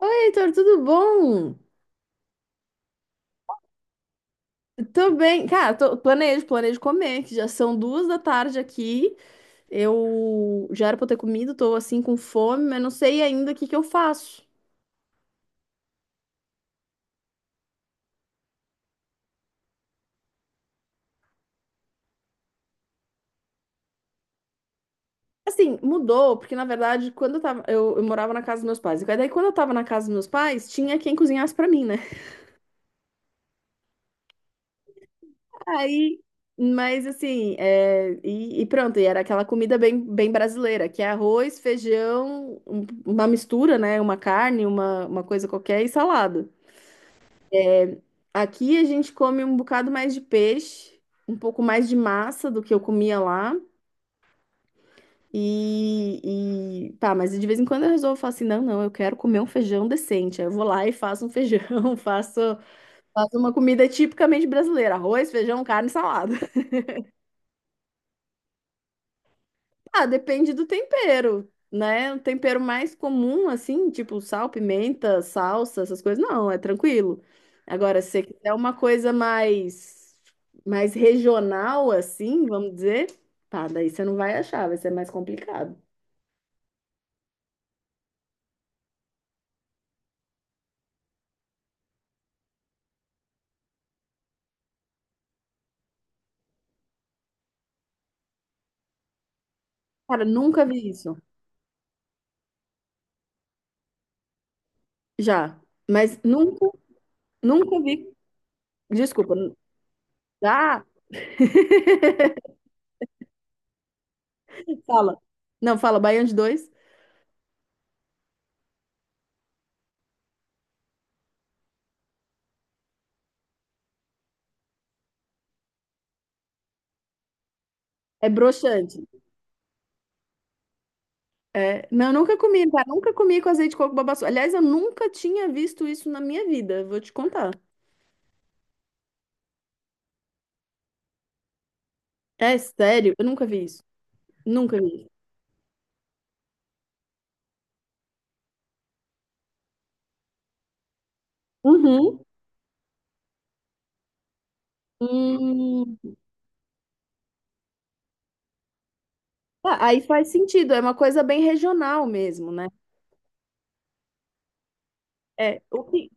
Oi, Heitor, tudo bom? Tô bem. Cara, planejo comer, que já são duas da tarde aqui. Eu já era pra eu ter comido, tô assim com fome, mas não sei ainda o que que eu faço. Assim, mudou, porque na verdade, quando eu tava, eu morava na casa dos meus pais. E daí, quando eu tava na casa dos meus pais, tinha quem cozinhasse pra mim, né? Aí, mas assim, pronto, e era aquela comida bem brasileira, que é arroz, feijão, uma mistura, né? Uma carne, uma coisa qualquer e salada. Aqui a gente come um bocado mais de peixe, um pouco mais de massa do que eu comia lá. E tá, mas de vez em quando eu resolvo falar assim: não, não, eu quero comer um feijão decente. Aí eu vou lá e faço um feijão, faço, faço uma comida tipicamente brasileira: arroz, feijão, carne e salada. Ah, depende do tempero, né? O tempero mais comum, assim, tipo sal, pimenta, salsa, essas coisas, não, é tranquilo. Agora, se você quiser uma coisa mais, mais regional, assim, vamos dizer, pá, daí você não vai achar, vai ser mais complicado. Cara, nunca vi isso. Já, mas nunca, nunca vi. Desculpa. Ah, Fala. Não, fala, baião de dois. É broxante. É, não, eu nunca comi, tá? Nunca comi com azeite de coco babaçu. Aliás, eu nunca tinha visto isso na minha vida, vou te contar. É sério? Eu nunca vi isso. Nunca vi. Uhum. Hum. Ah, aí faz sentido, é uma coisa bem regional mesmo, né? É, o que...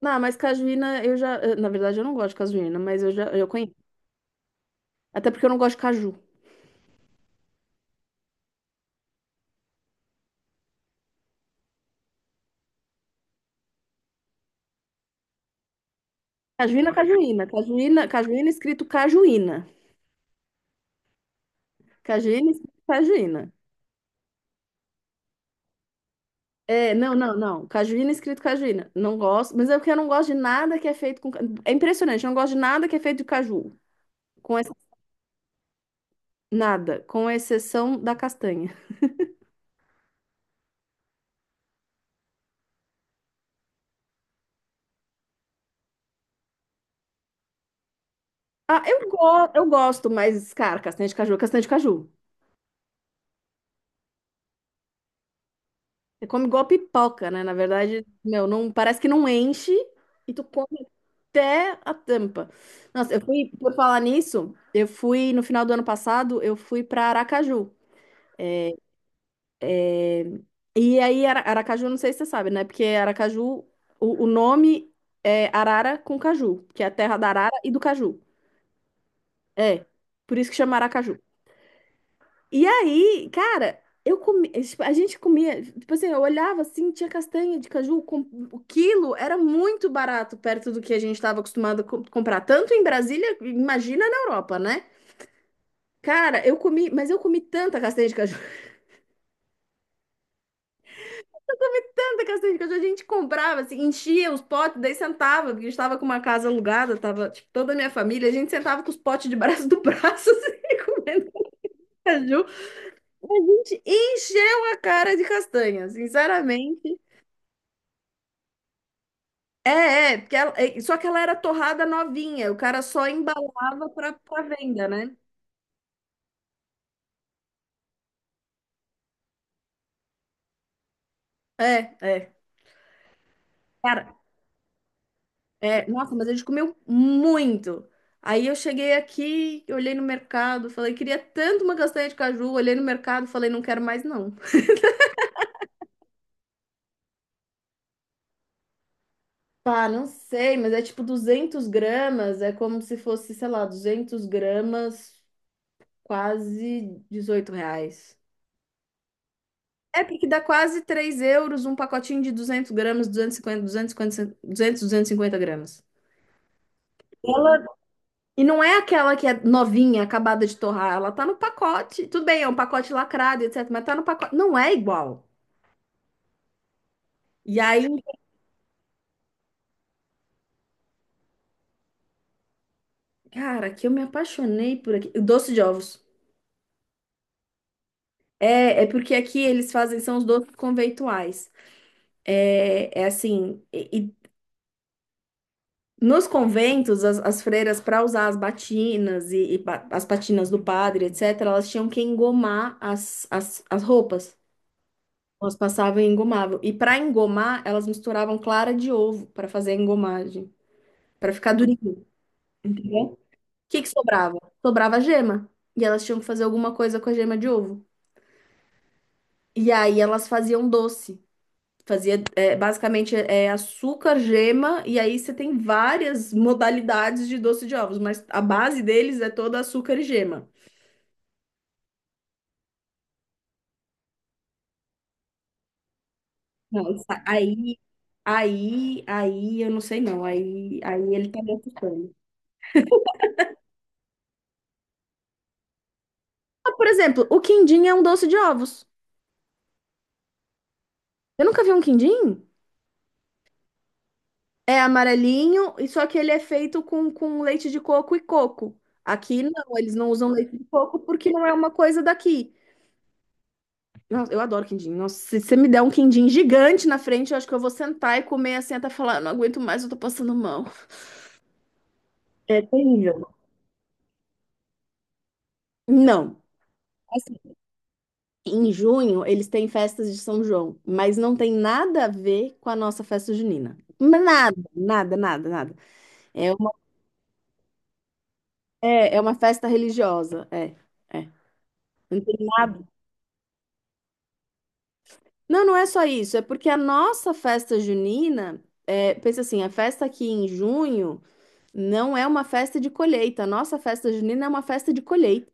Não, mas cajuína eu já... na verdade, eu não gosto de cajuína, mas eu conheço. Até porque eu não gosto de caju. Cajuína, cajuína. Cajuína, cajuína escrito cajuína. Cajuína escrito cajuína. É, não, não, não. Cajuína é escrito cajuína. Não gosto, mas é porque eu não gosto de nada que é feito com. É impressionante, eu não gosto de nada que é feito de caju. Com ex- Nada, com exceção da castanha. Ah, eu gosto, mas, cara, castanha de caju é castanha de caju. Você come igual pipoca, né? Na verdade, meu, não... parece que não enche e tu come até a tampa. Nossa, eu fui, por falar nisso, eu fui, no final do ano passado, eu fui pra Aracaju. E aí, Aracaju, não sei se você sabe, né? Porque Aracaju, o nome é Arara com Caju, que é a terra da Arara e do Caju. É, por isso que chama Aracaju. E aí, cara, eu comi, tipo, a gente comia, tipo assim, eu olhava assim, tinha castanha de caju, com, o quilo era muito barato perto do que a gente estava acostumado a comprar, tanto em Brasília, imagina na Europa, né? Cara, eu comi, mas eu comi tanta castanha de caju. Tanta castanha de caju, a gente comprava, assim, enchia os potes, daí sentava, porque a gente tava com uma casa alugada, tava, tipo, toda a minha família, a gente sentava com os potes de braço do braço, assim, comendo caju. A gente encheu a cara de castanha, sinceramente. Porque só que ela era torrada novinha, o cara só embalava pra, pra venda, né? É, é. Cara, nossa, mas a gente comeu muito. Aí eu cheguei aqui, olhei no mercado, falei, queria tanto uma castanha de caju. Olhei no mercado, falei, não quero mais não. Ah, não sei, mas é tipo 200 gramas, é como se fosse, sei lá, 200 gramas, quase 18 reais. É porque dá quase 3 euros um pacotinho de 200 gramas, duzentos duzentos e cinquenta, duzentos, 250 gramas. Ela E não é aquela que é novinha, acabada de torrar. Ela tá no pacote. Tudo bem, é um pacote lacrado, etc. Mas tá no pacote. Não é igual. E aí, cara, que eu me apaixonei por aqui. Doce de ovos. É, é porque aqui eles fazem, são os doces conventuais. É, é assim. E nos conventos, as freiras, para usar as batinas e as patinas do padre, etc., elas tinham que engomar as, as, as roupas. Elas passavam em engomável. E para engomar, elas misturavam clara de ovo para fazer a engomagem, para ficar durinho, entendeu? O que que sobrava? Sobrava gema. E elas tinham que fazer alguma coisa com a gema de ovo. E aí elas faziam doce. Fazia basicamente é açúcar, gema, e aí você tem várias modalidades de doce de ovos, mas a base deles é toda açúcar e gema. Não, aí, eu não sei não. Aí, aí ele tá me assustando. Ah, por exemplo, o quindim é um doce de ovos. Eu nunca vi um quindim? É amarelinho, e só que ele é feito com leite de coco e coco. Aqui não, eles não usam leite de coco porque não é uma coisa daqui. Eu adoro quindim. Nossa, se você me der um quindim gigante na frente, eu acho que eu vou sentar e comer assim até falar, "Eu não aguento mais, eu tô passando mal. É terrível. Não. Assim, em junho eles têm festas de São João, mas não tem nada a ver com a nossa festa junina. Nada, nada, nada, nada. É uma, é uma festa religiosa, é. É. Tem nada Não, não é só isso. É porque a nossa festa junina, é, pensa assim, a festa aqui em junho não é uma festa de colheita. A nossa festa junina é uma festa de colheita.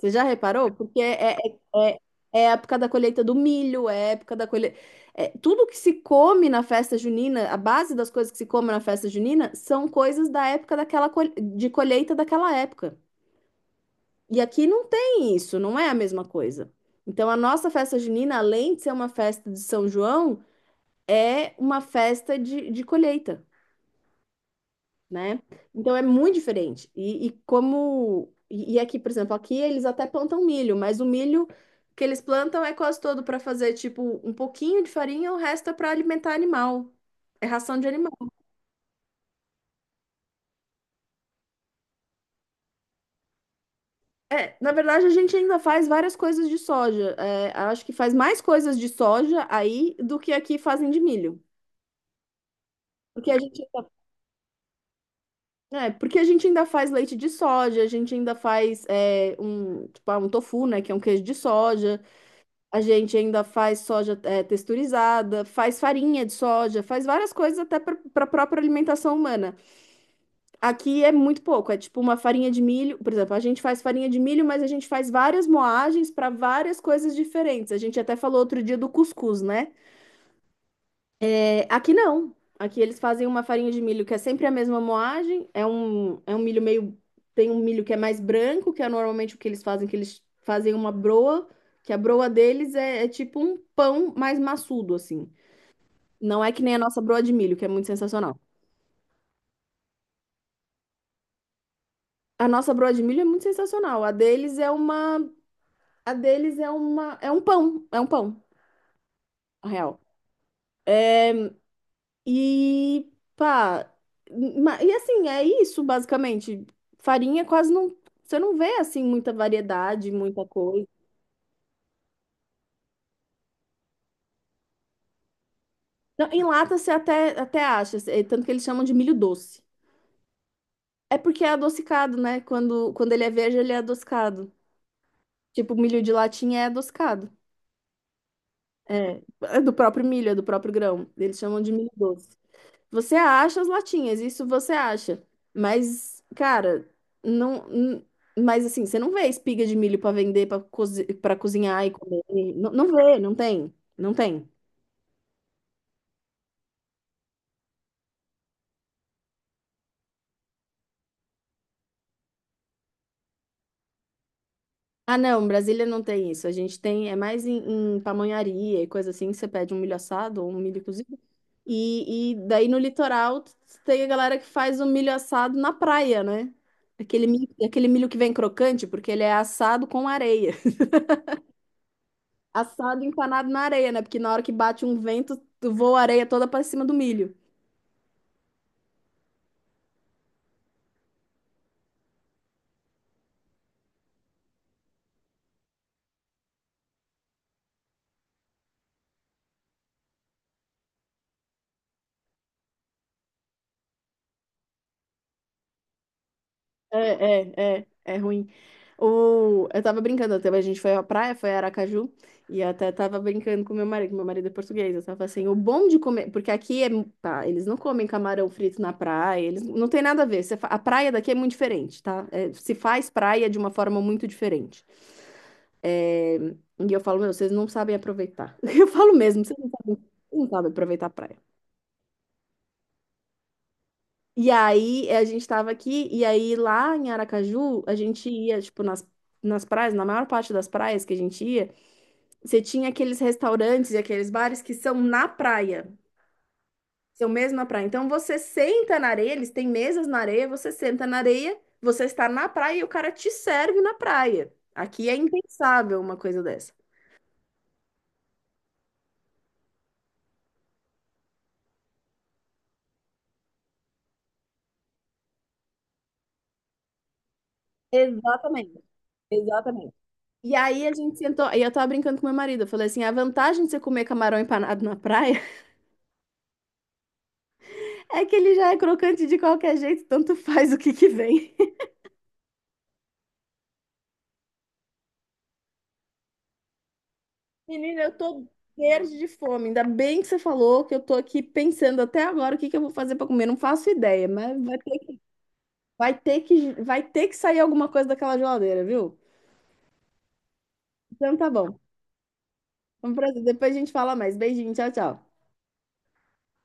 Você já reparou? Porque é, é a época da colheita do milho, é a época da colheita. É, tudo que se come na festa junina, a base das coisas que se come na festa junina são coisas da época de colheita daquela época. E aqui não tem isso, não é a mesma coisa. Então, a nossa festa junina, além de ser uma festa de São João, é uma festa de colheita, né? Então é muito diferente. E como. E aqui, por exemplo, aqui eles até plantam milho, mas o milho que eles plantam é quase todo para fazer, tipo, um pouquinho de farinha, o resto é para alimentar animal. É ração de animal. É, na verdade, a gente ainda faz várias coisas de soja. É, acho que faz mais coisas de soja aí do que aqui fazem de milho. Porque a gente É, porque a gente ainda faz leite de soja, a gente ainda faz um tofu, né, que é um queijo de soja, a gente ainda faz soja texturizada, faz farinha de soja, faz várias coisas até para a própria alimentação humana. Aqui é muito pouco, é tipo uma farinha de milho, por exemplo, a gente faz farinha de milho, mas a gente faz várias moagens para várias coisas diferentes. A gente até falou outro dia do cuscuz, né? É, aqui não. Aqui eles fazem uma farinha de milho que é sempre a mesma moagem. É um milho meio. Tem um milho que é mais branco, que é normalmente o que eles fazem uma broa, que a broa deles é, é tipo um pão mais maçudo, assim. Não é que nem a nossa broa de milho, que é muito sensacional. A nossa broa de milho é muito sensacional. A deles é uma. A deles é uma. É um pão. É um pão, na real. E pá, e assim, é isso basicamente. Farinha quase não, você não vê assim muita variedade, muita coisa. Não, em lata você até acha, é, tanto que eles chamam de milho doce. É porque é adocicado, né? Quando ele é verde, ele é adocicado. Tipo, milho de latinha é adocicado. É, é do próprio milho, é do próprio grão. Eles chamam de milho doce. Você acha as latinhas, isso você acha. Mas, cara, não. n- mas assim, você não vê espiga de milho pra vender, pra cozi para cozinhar e comer. Não, não vê, não tem. Não tem. Ah, não, Brasília não tem isso. A gente tem, é mais em pamonharia e coisa assim, que você pede um milho assado ou um milho cozido. E daí no litoral tem a galera que faz o milho assado na praia, né? Aquele milho que vem crocante, porque ele é assado com areia. Assado empanado na areia, né? Porque na hora que bate um vento, tu voa a areia toda pra cima do milho. É ruim. Eu tava brincando, até a gente foi à praia, foi a Aracaju, e eu até tava brincando com meu marido, que meu marido é português. Eu tava assim, o bom de comer, porque aqui é, tá, eles não comem camarão frito na praia, eles não tem nada a ver. A praia daqui é muito diferente, tá? É, se faz praia de uma forma muito diferente. É, e eu falo, meu, vocês não sabem aproveitar. Eu falo mesmo, vocês não sabem, não sabem aproveitar a praia. E aí a gente tava aqui, e aí lá em Aracaju, a gente ia, tipo, nas praias, na maior parte das praias que a gente ia, você tinha aqueles restaurantes e aqueles bares que são na praia, são mesmo na praia. Então você senta na areia, eles têm mesas na areia, você senta na areia, você está na praia e o cara te serve na praia. Aqui é impensável uma coisa dessa. Exatamente, exatamente. E aí a gente sentou, e eu tava brincando com meu marido, eu falei assim, a vantagem de você comer camarão empanado na praia é que ele já é crocante de qualquer jeito, tanto faz o que que vem. Menina, eu tô verde de fome. Ainda bem que você falou que eu tô aqui pensando até agora o que que eu vou fazer pra comer. Não faço ideia, mas vai ter que sair alguma coisa daquela geladeira, viu? Então tá bom. Vamos pra... Depois a gente fala mais. Beijinho, tchau, tchau.